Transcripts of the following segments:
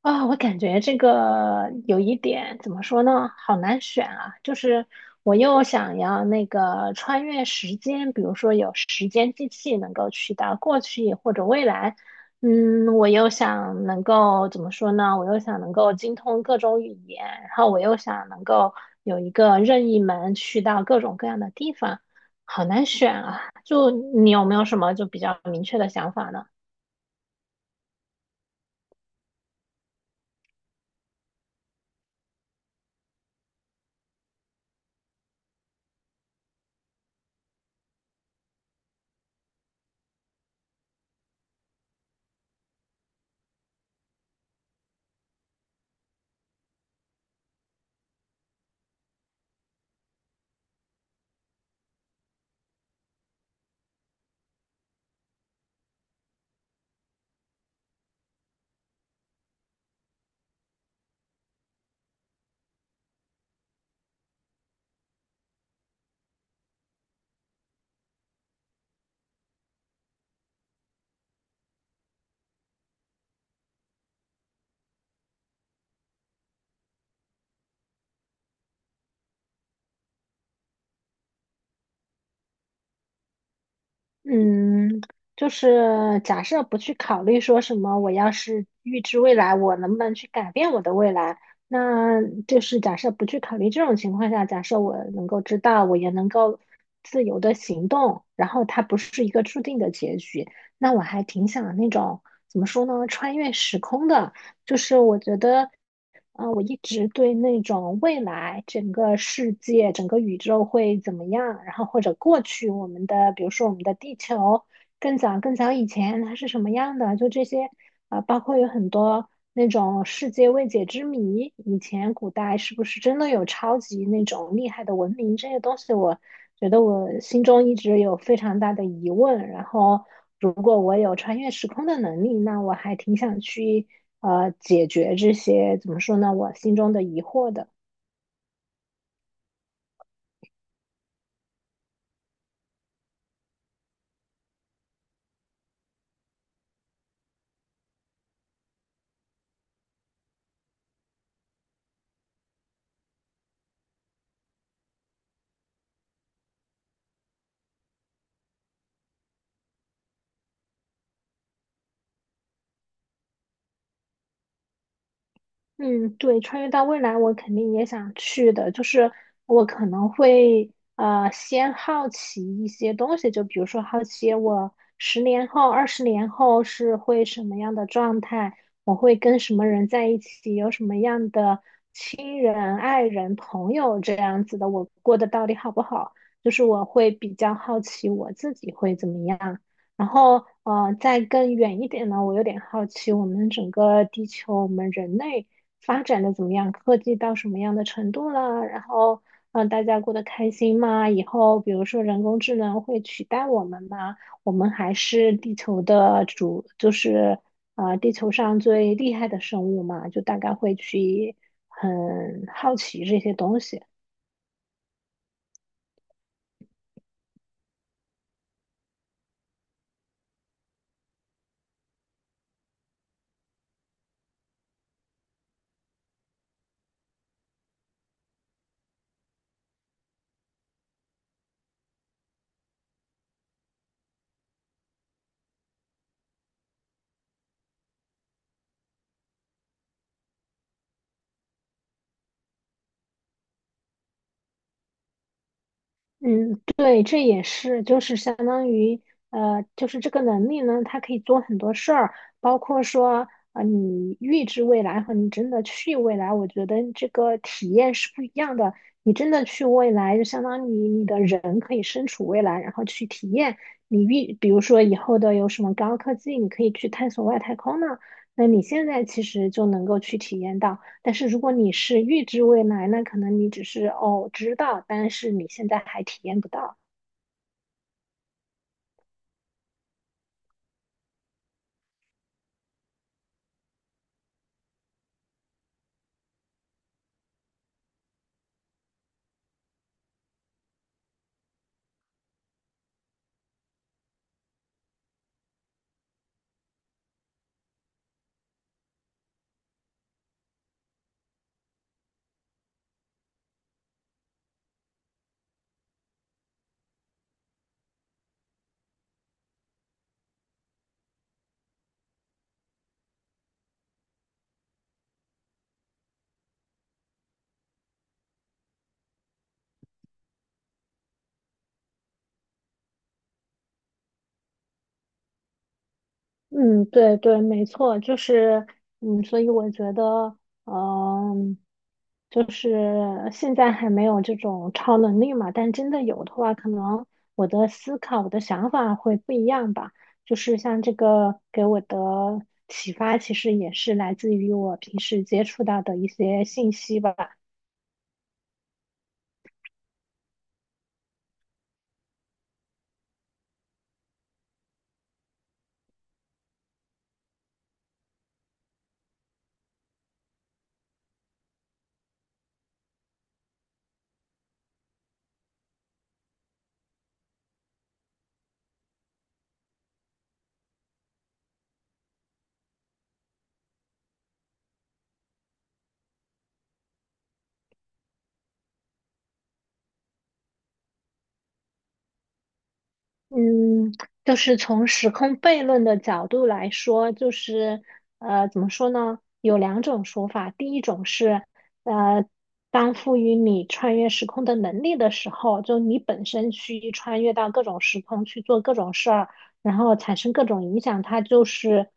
啊、我感觉这个有一点怎么说呢，好难选啊。就是我又想要那个穿越时间，比如说有时间机器能够去到过去或者未来，嗯，我又想能够怎么说呢？我又想能够精通各种语言，然后我又想能够有一个任意门去到各种各样的地方，好难选啊。就你有没有什么就比较明确的想法呢？嗯，就是假设不去考虑说什么，我要是预知未来，我能不能去改变我的未来？那就是假设不去考虑这种情况下，假设我能够知道，我也能够自由的行动，然后它不是一个注定的结局，那我还挺想那种怎么说呢，穿越时空的。就是我觉得，啊，我一直对那种未来整个世界、整个宇宙会怎么样，然后或者过去我们的，比如说我们的地球更早更早以前它是什么样的，就这些，啊，包括有很多那种世界未解之谜，以前古代是不是真的有超级那种厉害的文明这些东西，我觉得我心中一直有非常大的疑问，然后。如果我有穿越时空的能力，那我还挺想去解决这些怎么说呢，我心中的疑惑的。嗯，对，穿越到未来我肯定也想去的，就是我可能会先好奇一些东西，就比如说好奇我十年后、二十年后是会什么样的状态，我会跟什么人在一起，有什么样的亲人、爱人、朋友这样子的，我过得到底好不好？就是我会比较好奇我自己会怎么样。然后，再更远一点呢，我有点好奇，我们整个地球，我们人类发展的怎么样？科技到什么样的程度了？然后，大家过得开心吗？以后，比如说人工智能会取代我们吗？我们还是地球的主，就是地球上最厉害的生物嘛，就大概会去很好奇这些东西。嗯，对，这也是，就是相当于，就是这个能力呢，它可以做很多事儿，包括说，你预知未来和你真的去未来，我觉得这个体验是不一样的。你真的去未来，就相当于你的人可以身处未来，然后去体验你预，比如说以后的有什么高科技，你可以去探索外太空呢，那你现在其实就能够去体验到。但是如果你是预知未来，那可能你只是哦知道，但是你现在还体验不到。嗯，对对，没错，就是嗯，所以我觉得，嗯，就是现在还没有这种超能力嘛，但真的有的话，可能我的思考、我的想法会不一样吧。就是像这个给我的启发，其实也是来自于我平时接触到的一些信息吧。嗯，就是从时空悖论的角度来说，就是怎么说呢？有两种说法。第一种是，呃，当赋予你穿越时空的能力的时候，就你本身去穿越到各种时空去做各种事儿，然后产生各种影响，它就是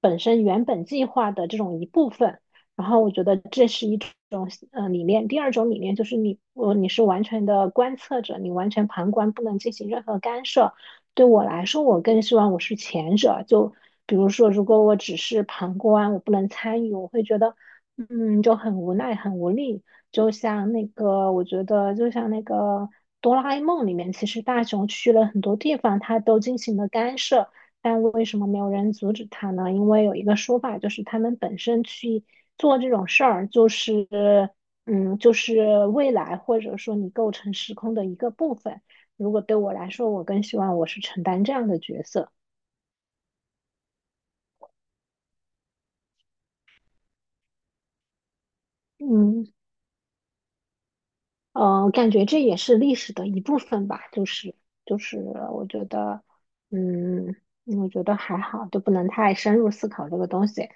本身原本计划的这种一部分。然后我觉得这是一种理念。第二种理念就是你，我你是完全的观测者，你完全旁观，不能进行任何干涉。对我来说，我更希望我是前者。就比如说，如果我只是旁观，我不能参与，我会觉得，嗯，就很无奈、很无力。就像那个，我觉得就像那个哆啦 A 梦里面，其实大雄去了很多地方，他都进行了干涉，但为什么没有人阻止他呢？因为有一个说法，就是他们本身去做这种事儿，就是，嗯，就是未来或者说你构成时空的一个部分。如果对我来说，我更希望我是承担这样的角色。嗯，感觉这也是历史的一部分吧，就是就是，我觉得，嗯，我觉得还好，就不能太深入思考这个东西。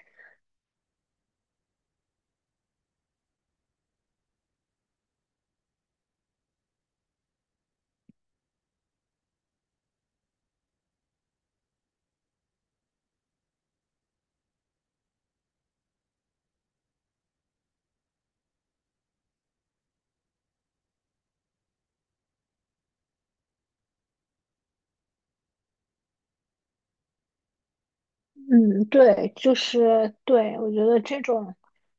嗯，对，就是对，我觉得这种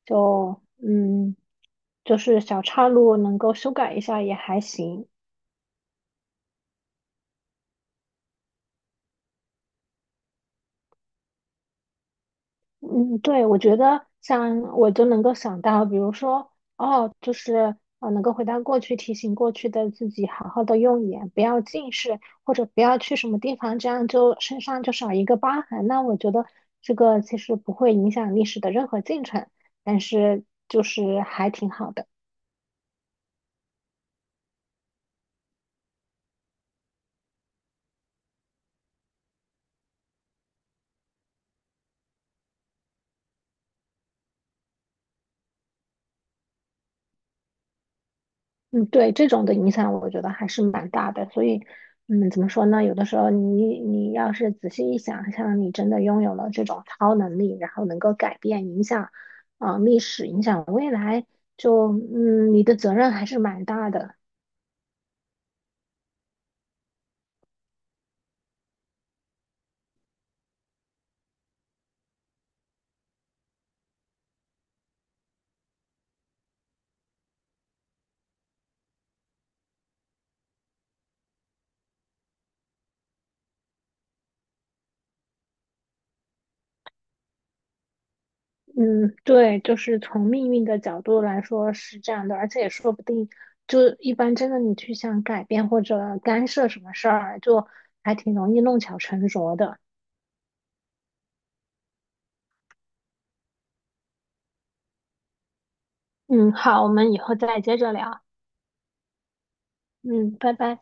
就嗯，就是小岔路能够修改一下也还行。嗯，对，我觉得像我就能够想到，比如说，哦，就是能够回到过去，提醒过去的自己，好好的用眼，不要近视，或者不要去什么地方，这样就身上就少一个疤痕。那我觉得这个其实不会影响历史的任何进程，但是就是还挺好的。嗯，对，这种的影响我觉得还是蛮大的，所以，嗯，怎么说呢？有的时候你要是仔细一想，像你真的拥有了这种超能力，然后能够改变、影响，啊、历史、影响未来，就嗯，你的责任还是蛮大的。嗯，对，就是从命运的角度来说是这样的，而且也说不定，就一般真的你去想改变或者干涉什么事儿，就还挺容易弄巧成拙的。嗯，好，我们以后再接着聊。嗯，拜拜。